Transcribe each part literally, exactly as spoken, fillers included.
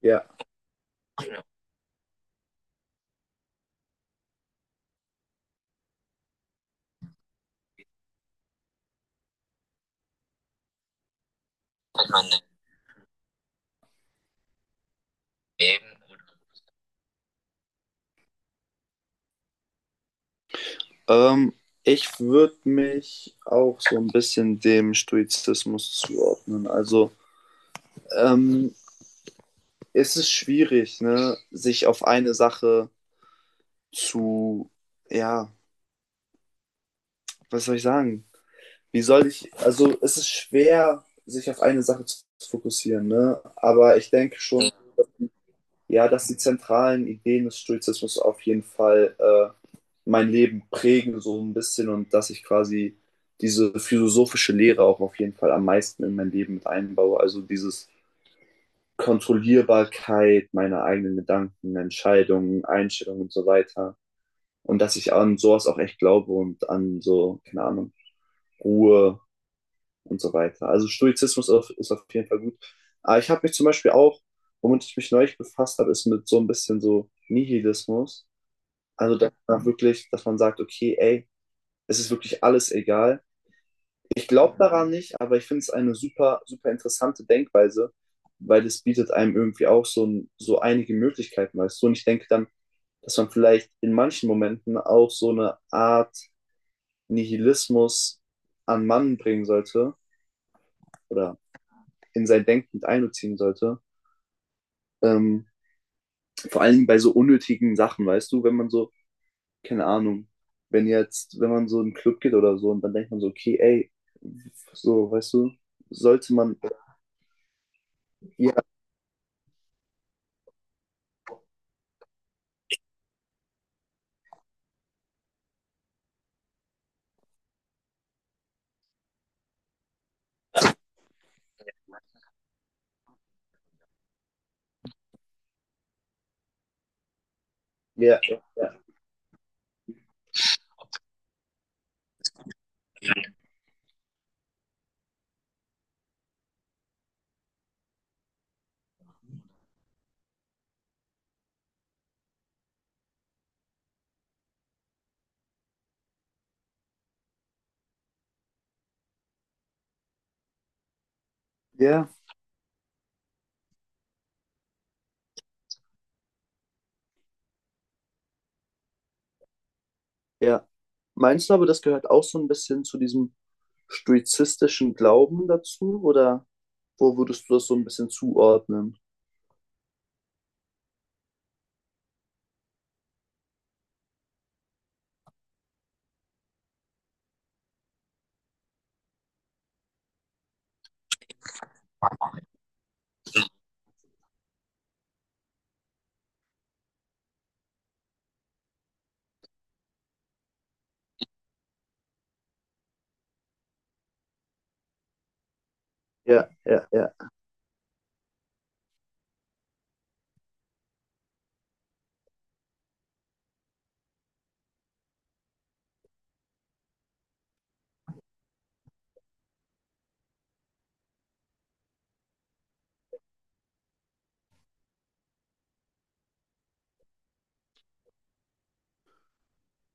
Ja, ähm, ich würde mich auch so ein bisschen dem Stoizismus zuordnen. Also ähm, es ist schwierig, ne, sich auf eine Sache zu, ja, was soll ich sagen? Wie soll ich, also es ist schwer, sich auf eine Sache zu fokussieren, ne? Aber ich denke schon, ja, dass die zentralen Ideen des Stoizismus auf jeden Fall äh, mein Leben prägen, so ein bisschen, und dass ich quasi diese philosophische Lehre auch auf jeden Fall am meisten in mein Leben mit einbaue. Also dieses Kontrollierbarkeit meiner eigenen Gedanken, Entscheidungen, Einstellungen und so weiter. Und dass ich an sowas auch echt glaube und an so, keine Ahnung, Ruhe, und so weiter. Also Stoizismus auf, ist auf jeden Fall gut. Aber ich habe mich zum Beispiel auch, womit ich mich neulich befasst habe, ist mit so ein bisschen so Nihilismus. Also dass man wirklich, dass man sagt, okay, ey, es ist wirklich alles egal. Ich glaube daran nicht, aber ich finde es eine super, super interessante Denkweise, weil es bietet einem irgendwie auch so, ein, so einige Möglichkeiten, weißt du? Und ich denke dann, dass man vielleicht in manchen Momenten auch so eine Art Nihilismus an Mann bringen sollte oder in sein Denken mit einbeziehen sollte. Ähm, Vor allem bei so unnötigen Sachen, weißt du, wenn man so, keine Ahnung, wenn jetzt, wenn man so in einen Club geht oder so und dann denkt man so, okay, ey, so, weißt du, sollte man, ja, ja, ja, ja, ja. Meinst du aber, das gehört auch so ein bisschen zu diesem stoizistischen Glauben dazu oder wo würdest du das so ein bisschen zuordnen? Ja, ja, ja.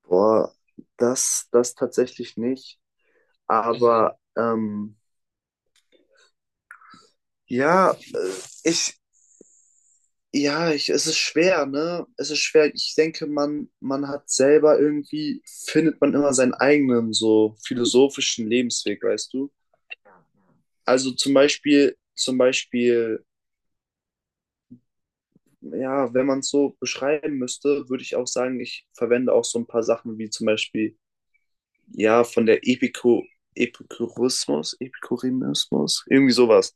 Boah, das, das tatsächlich nicht, aber ähm, Ja, äh, ich, ja, ich, es ist schwer, ne? Es ist schwer. Ich denke, man, man hat selber irgendwie, findet man immer seinen eigenen so philosophischen Lebensweg, weißt du? Also zum Beispiel, zum Beispiel, ja, wenn man es so beschreiben müsste, würde ich auch sagen, ich verwende auch so ein paar Sachen wie zum Beispiel, ja, von der Epiko, Epikurismus, Epikurismus, irgendwie sowas.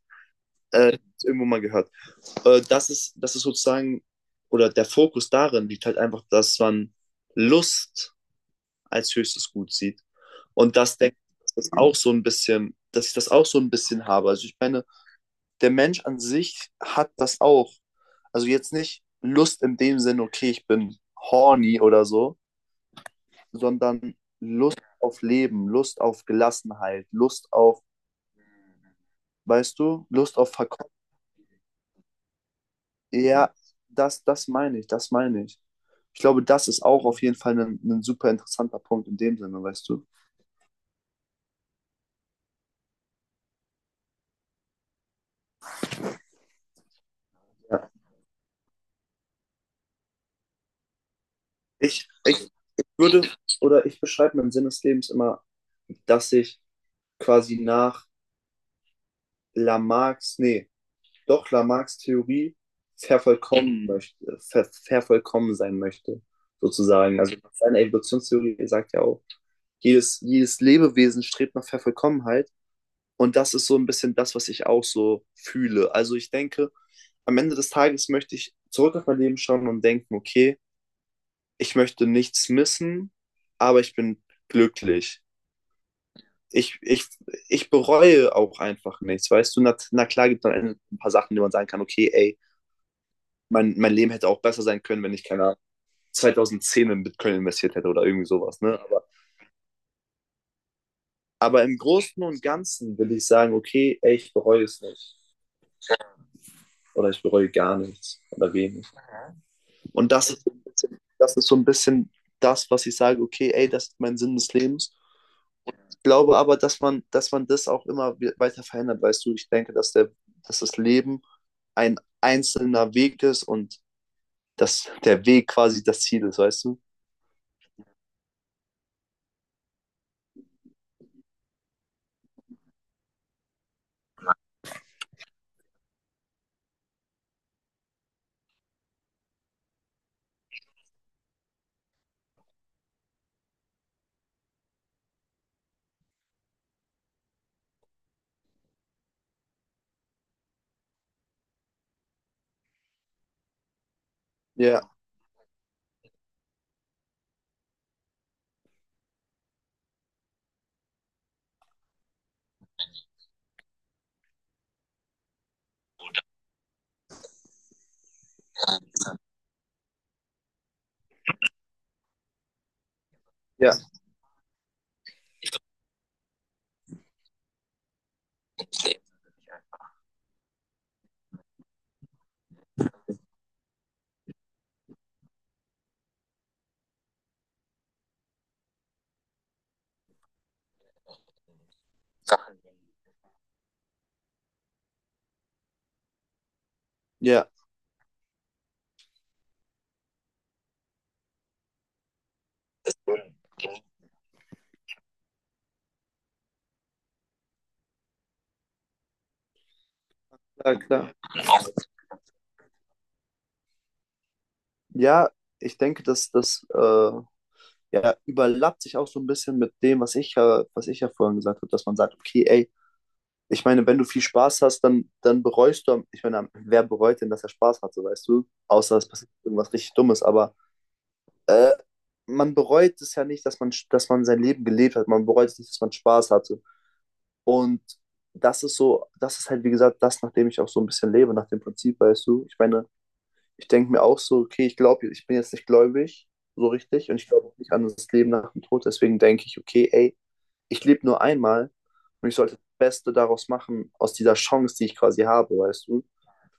Äh, Irgendwo mal gehört. Äh, das ist, das ist sozusagen, oder der Fokus darin liegt halt einfach, dass man Lust als höchstes Gut sieht. Und das denke ich, dass das auch so ein bisschen, dass ich das auch so ein bisschen habe. Also ich meine, der Mensch an sich hat das auch. Also jetzt nicht Lust in dem Sinne, okay, ich bin horny oder so, sondern Lust auf Leben, Lust auf Gelassenheit, Lust auf, weißt du, Lust auf Verk. Ja, das, das meine ich, das meine ich. Ich glaube, das ist auch auf jeden Fall ein, ein super interessanter Punkt in dem Sinne, weißt du? Ja. Ich, ich, ich würde, oder ich beschreibe meinen Sinn des Lebens immer, dass ich quasi nach Lamarcks, nee, doch Lamarcks Theorie vervollkommen möchte, ver, vervollkommen sein möchte, sozusagen. Also seine Evolutionstheorie sagt ja auch, jedes, jedes Lebewesen strebt nach Vervollkommenheit. Und das ist so ein bisschen das, was ich auch so fühle. Also ich denke, am Ende des Tages möchte ich zurück auf mein Leben schauen und denken, okay, ich möchte nichts missen, aber ich bin glücklich. Ich, ich, ich bereue auch einfach nichts, weißt du? Na, na klar gibt es am Ende ein paar Sachen, die man sagen kann, okay, ey, mein, mein Leben hätte auch besser sein können, wenn ich, keine Ahnung, zweitausendzehn in Bitcoin investiert hätte oder irgendwie sowas, ne? Aber, aber im Großen und Ganzen will ich sagen, okay, ey, ich bereue es nicht. Oder ich bereue gar nichts oder wenig. Und das ist, so ein bisschen, das ist so ein bisschen das, was ich sage, okay, ey, das ist mein Sinn des Lebens. Ich glaube aber, dass man, dass man das auch immer we- weiter verändert, weißt du, ich denke, dass, der, dass das Leben ein einzelner Weg ist und dass der Weg quasi das Ziel ist, weißt du? Ja, ja, ja. Ja, klar. Ja, ich denke, dass das äh, ja, überlappt sich auch so ein bisschen mit dem, was ich ja, was ich ja vorhin gesagt habe, dass man sagt, okay, ey, ich meine, wenn du viel Spaß hast, dann, dann bereust du, am- ich meine, wer bereut denn, dass er Spaß hatte, weißt du? Außer es passiert irgendwas richtig Dummes, aber äh, man bereut es ja nicht, dass man, dass man sein Leben gelebt hat, man bereut es nicht, dass man Spaß hatte. Und das ist so, das ist halt, wie gesagt, das, nach dem ich auch so ein bisschen lebe, nach dem Prinzip, weißt du? Ich meine, ich denke mir auch so, okay, ich glaube, ich bin jetzt nicht gläubig, so richtig, und ich glaube auch nicht an das Leben nach dem Tod. Deswegen denke ich, okay, ey, ich lebe nur einmal und ich sollte das Beste daraus machen, aus dieser Chance, die ich quasi habe, weißt du?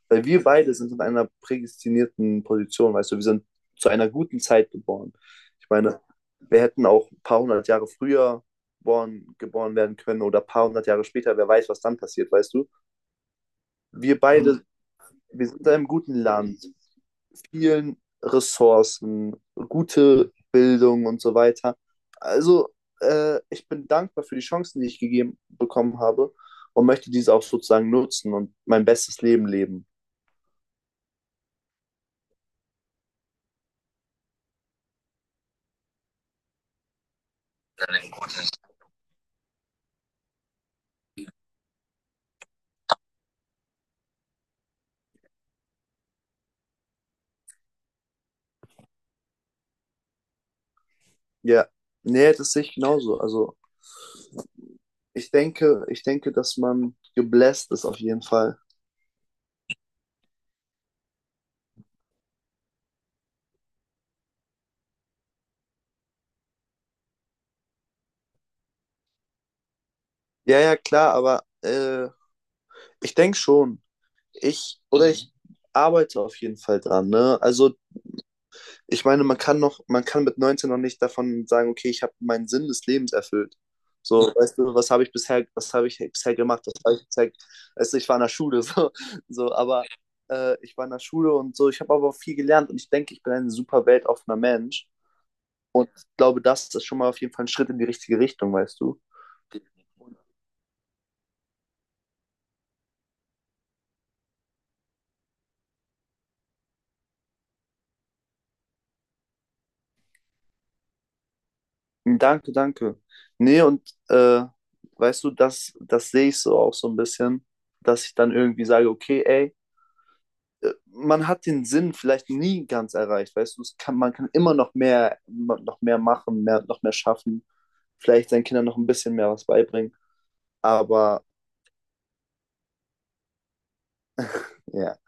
Weil wir beide sind in einer prädestinierten Position, weißt du, wir sind zu einer guten Zeit geboren. Ich meine, wir hätten auch ein paar hundert Jahre früher geboren, geboren werden können oder ein paar hundert Jahre später, wer weiß, was dann passiert, weißt du? Wir beide wir sind in einem guten Land, vielen Ressourcen, gute Bildung und so weiter. Also, äh, ich bin dankbar für die Chancen, die ich gegeben bekommen habe und möchte diese auch sozusagen nutzen und mein bestes Leben leben. Ja, nee, das sehe ich genauso. Also, ich denke, ich denke, dass man gebläst ist auf jeden Fall. Ja, ja, klar, aber äh, ich denke schon. Ich oder ich arbeite auf jeden Fall dran, ne? Also ich meine, man kann noch, man kann mit neunzehn noch nicht davon sagen, okay, ich habe meinen Sinn des Lebens erfüllt. So, weißt du, was habe ich bisher, was habe ich bisher gemacht, was habe ich bisher, also ich war in der Schule, so, so aber äh, ich war in der Schule und so, ich habe aber auch viel gelernt und ich denke, ich bin ein super weltoffener Mensch und ich glaube, das ist schon mal auf jeden Fall ein Schritt in die richtige Richtung, weißt du. Danke, danke. Nee, und äh, weißt du, das, das sehe ich so auch so ein bisschen, dass ich dann irgendwie sage, okay, ey, äh, man hat den Sinn vielleicht nie ganz erreicht, weißt du, es kann, man kann immer noch mehr, immer noch mehr machen, mehr, noch mehr schaffen, vielleicht seinen Kindern noch ein bisschen mehr was beibringen, aber ja,